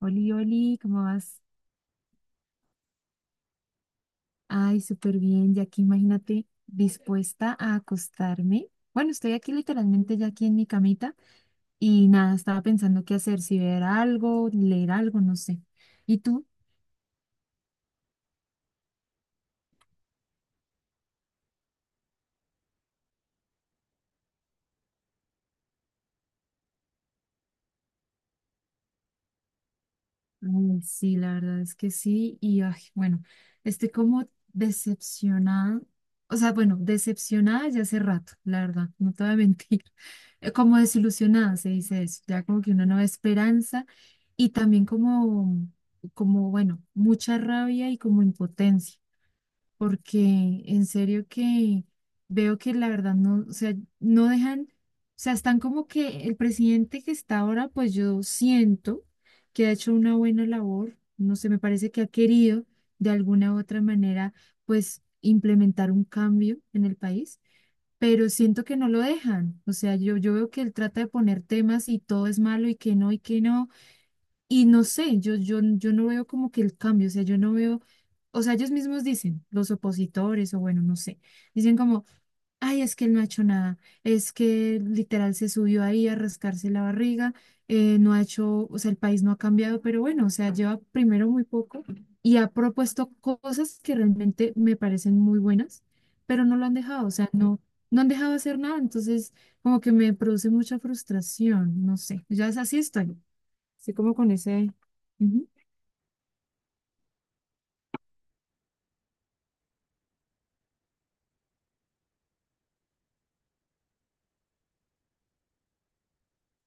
Oli, Oli, ¿cómo vas? Ay, súper bien, ya aquí imagínate, dispuesta a acostarme. Bueno, estoy aquí literalmente ya aquí en mi camita y nada, estaba pensando qué hacer, si ver algo, leer algo, no sé. ¿Y tú? Ay, sí, la verdad es que sí. Y ay, bueno, estoy como decepcionada. O sea, bueno, decepcionada ya hace rato, la verdad, no te voy a mentir. Como desilusionada se dice eso, ya como que una nueva esperanza y también como, bueno, mucha rabia y como impotencia porque en serio que veo que la verdad no, o sea, no dejan, o sea, están como que el presidente que está ahora, pues yo siento que ha hecho una buena labor, no sé, me parece que ha querido de alguna u otra manera, pues implementar un cambio en el país, pero siento que no lo dejan, o sea, yo veo que él trata de poner temas y todo es malo y que no, y que no. Y no sé, yo no veo como que el cambio, o sea, yo no veo, o sea, ellos mismos dicen, los opositores, o bueno, no sé, dicen como, ay, es que él no ha hecho nada, es que literal se subió ahí a rascarse la barriga, no ha hecho, o sea, el país no ha cambiado, pero bueno, o sea, lleva primero muy poco y ha propuesto cosas que realmente me parecen muy buenas, pero no lo han dejado, o sea, no, no han dejado hacer nada, entonces como que me produce mucha frustración, no sé, ya es así estoy. Así como con ese, ujú.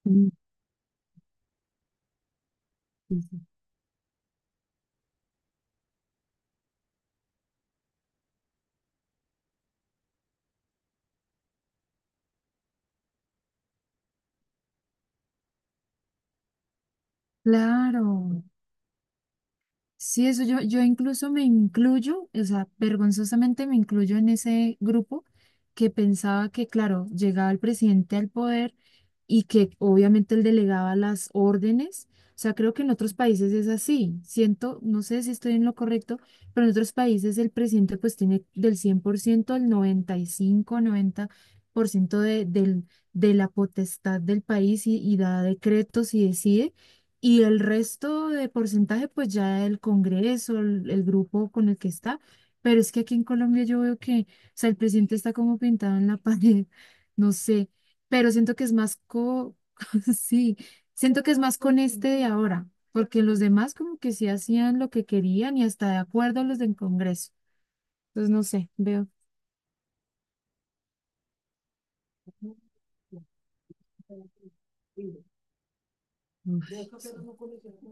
Mm, sí, sí. Claro, sí, eso yo incluso me incluyo, o sea, vergonzosamente me incluyo en ese grupo que pensaba que, claro, llegaba el presidente al poder y que obviamente él delegaba las órdenes. O sea, creo que en otros países es así. Siento, no sé si estoy en lo correcto, pero en otros países el presidente pues tiene del 100% al 90 95 90% de, del, de la potestad del país y da decretos y decide. Y el resto de porcentaje, pues ya el Congreso, el grupo con el que está. Pero es que aquí en Colombia yo veo que, o sea, el presidente está como pintado en la pared, no sé, pero siento que es más sí, siento que es más con este de ahora, porque los demás como que sí hacían lo que querían y hasta de acuerdo a los del Congreso. Entonces, no sé, veo. Uf, sí.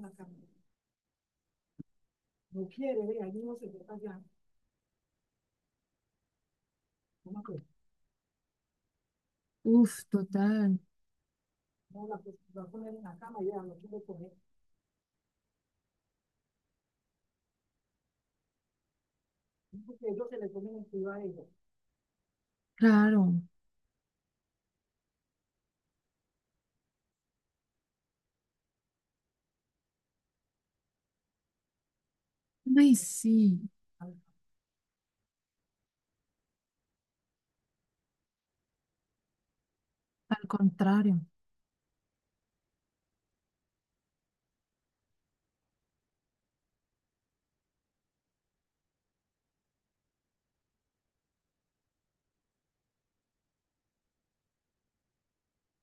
Uf, total, claro. Ay, sí, al contrario.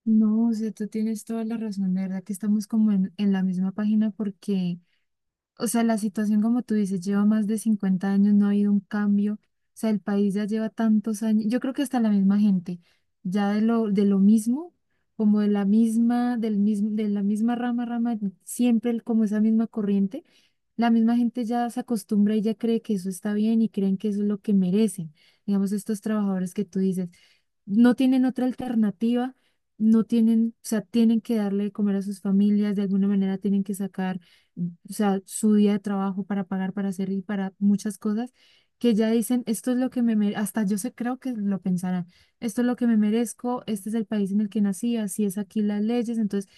No, o sea, tú tienes toda la razón, de verdad que estamos como en la misma página porque o sea, la situación, como tú dices, lleva más de 50 años, no ha habido un cambio. O sea, el país ya lleva tantos años. Yo creo que hasta la misma gente, ya de lo mismo, como de la misma, del mismo, de la misma rama, rama, siempre el- como esa misma corriente, la misma gente ya se acostumbra y ya cree que eso está bien y creen que eso es lo que merecen. Digamos, estos trabajadores que tú dices, no tienen otra alternativa, no tienen, o sea, tienen que darle de comer a sus familias, de alguna manera tienen que sacar o sea, su día de trabajo para pagar, para hacer y para muchas cosas, que ya dicen, esto es lo que me merezco, hasta yo sé, creo que lo pensarán, esto es lo que me merezco, este es el país en el que nací, así es aquí las leyes, entonces,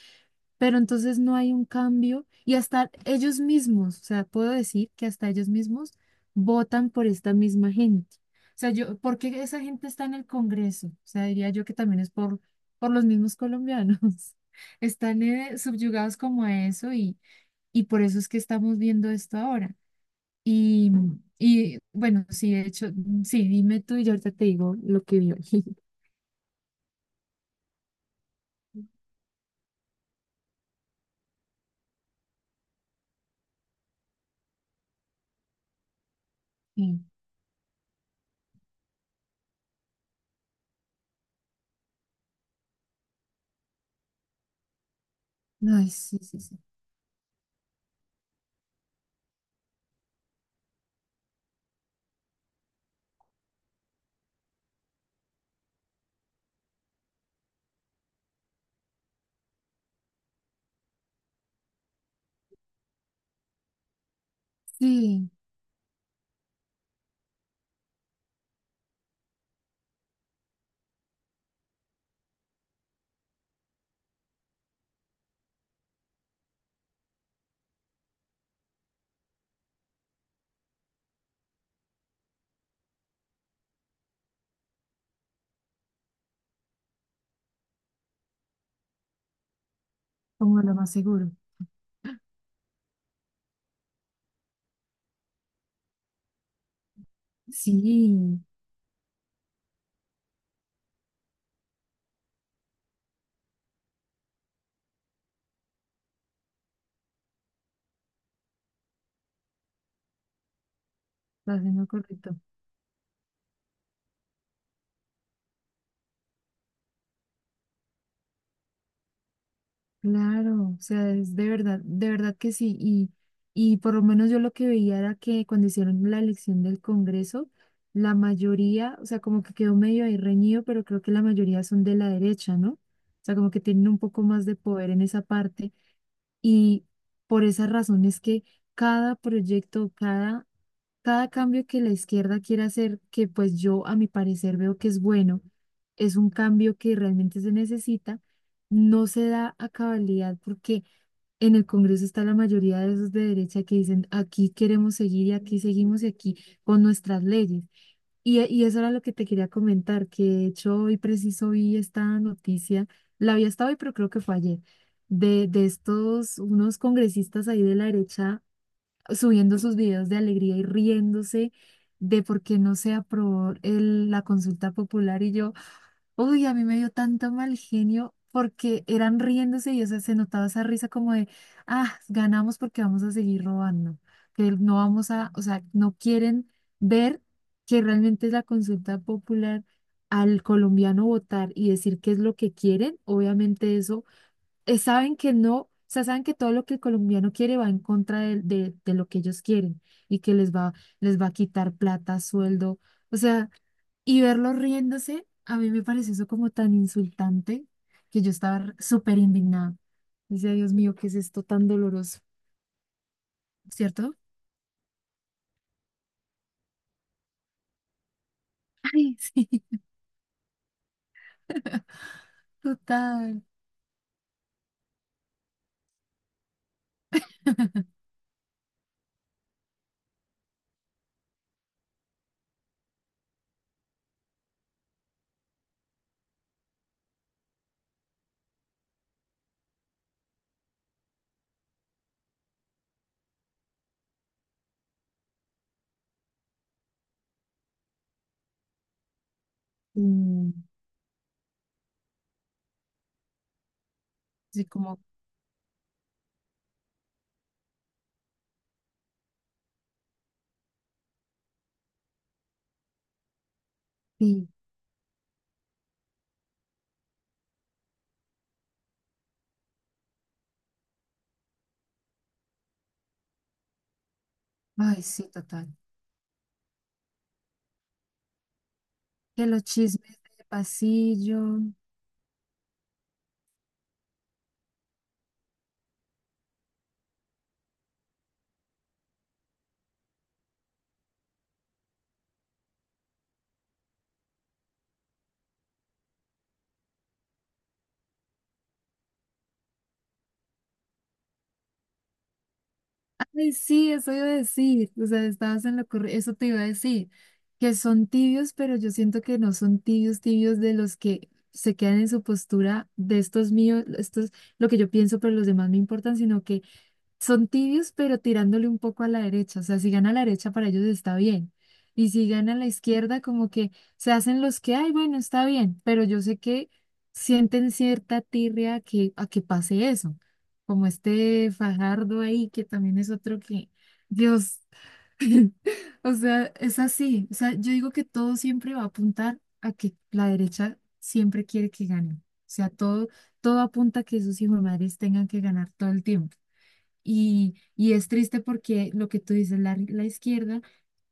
pero entonces no hay un cambio y hasta ellos mismos, o sea, puedo decir que hasta ellos mismos votan por esta misma gente. O sea, yo, ¿por qué esa gente está en el Congreso? O sea, diría yo que también es por los mismos colombianos. Están subyugados como a eso y por eso es que estamos viendo esto ahora. Y, y bueno, sí, de hecho, sí, dime tú y yo ahorita te digo lo que vio. Sí. Ay, sí, sí, sí. Sí, como lo más seguro. Sí, estás haciendo correcto. Claro, o sea, es de verdad que sí. Y por lo menos yo lo que veía era que cuando hicieron la elección del Congreso, la mayoría, o sea, como que quedó medio ahí reñido, pero creo que la mayoría son de la derecha, ¿no? O sea, como que tienen un poco más de poder en esa parte. Y por esa razón es que cada proyecto, cada cambio que la izquierda quiere hacer, que pues yo a mi parecer veo que es bueno, es un cambio que realmente se necesita, no se da a cabalidad porque en el Congreso está la mayoría de esos de derecha que dicen aquí queremos seguir y aquí seguimos y aquí con nuestras leyes. Y eso era lo que te quería comentar, que de hecho hoy preciso vi esta noticia, la había estado hoy, pero creo que fue ayer, de estos, unos congresistas ahí de la derecha subiendo sus videos de alegría y riéndose de por qué no se aprobó el- la consulta popular y yo, uy, a mí me dio tanto mal genio porque eran riéndose y o sea, se notaba esa risa como de, ah, ganamos porque vamos a seguir robando, que no vamos a, o sea, no quieren ver que realmente es la consulta popular al colombiano votar y decir qué es lo que quieren, obviamente eso saben que no, o sea, saben que todo lo que el colombiano quiere va en contra de lo que ellos quieren y que les va a quitar plata, sueldo, o sea, y verlos riéndose, a mí me pareció eso como tan insultante que yo estaba súper indignada. Dice, Dios mío, ¿qué es esto tan doloroso? ¿Cierto? Ay, sí, total. Mm, sí, como, sí, ay, sí, total. Que los chismes de pasillo. Ay, sí, eso iba a decir, o sea, estabas en lo correcto, eso te iba a decir, que son tibios, pero yo siento que no son tibios, tibios de los que se quedan en su postura de estos míos, estos, lo que yo pienso, pero los demás me importan, sino que son tibios, pero tirándole un poco a la derecha. O sea, si gana la derecha, para ellos está bien. Y si gana la izquierda, como que se hacen los que, ay, bueno, está bien. Pero yo sé que sienten cierta tirria a que pase eso. Como este Fajardo ahí, que también es otro que, Dios, o sea, es así. O sea, yo digo que todo siempre va a apuntar a que la derecha siempre quiere que gane. O sea, todo, todo apunta a que esos hijos madres tengan que ganar todo el tiempo. Y es triste porque lo que tú dices, la izquierda,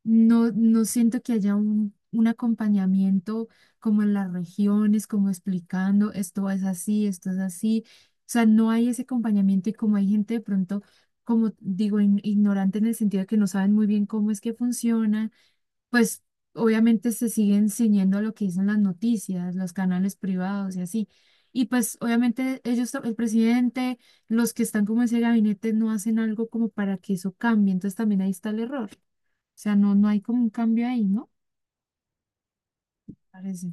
no, no siento que haya un acompañamiento como en las regiones, como explicando esto es así, esto es así. O sea, no hay ese acompañamiento y como hay gente de pronto, como digo, ignorante en el sentido de que no saben muy bien cómo es que funciona pues obviamente se siguen ciñendo a lo que dicen las noticias, los canales privados y así. Y pues obviamente ellos, el presidente, los que están como en ese gabinete no hacen algo como para que eso cambie. Entonces también ahí está el error. O sea, no, no hay como un cambio ahí, ¿no? Parece.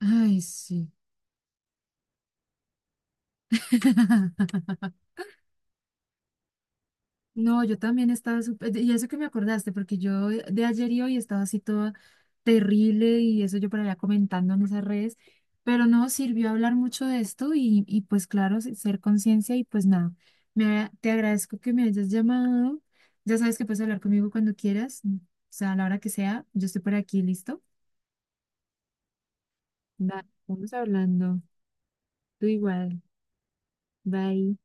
Ay, sí. No, yo también estaba súper, y eso que me acordaste, porque yo de ayer y hoy estaba así toda terrible y eso yo por allá comentando en esas redes, pero no sirvió hablar mucho de esto y pues claro, ser conciencia y pues nada, me, te agradezco que me hayas llamado, ya sabes que puedes hablar conmigo cuando quieras, o sea, a la hora que sea, yo estoy por aquí, ¿listo? Va, vamos hablando, tú igual, bye.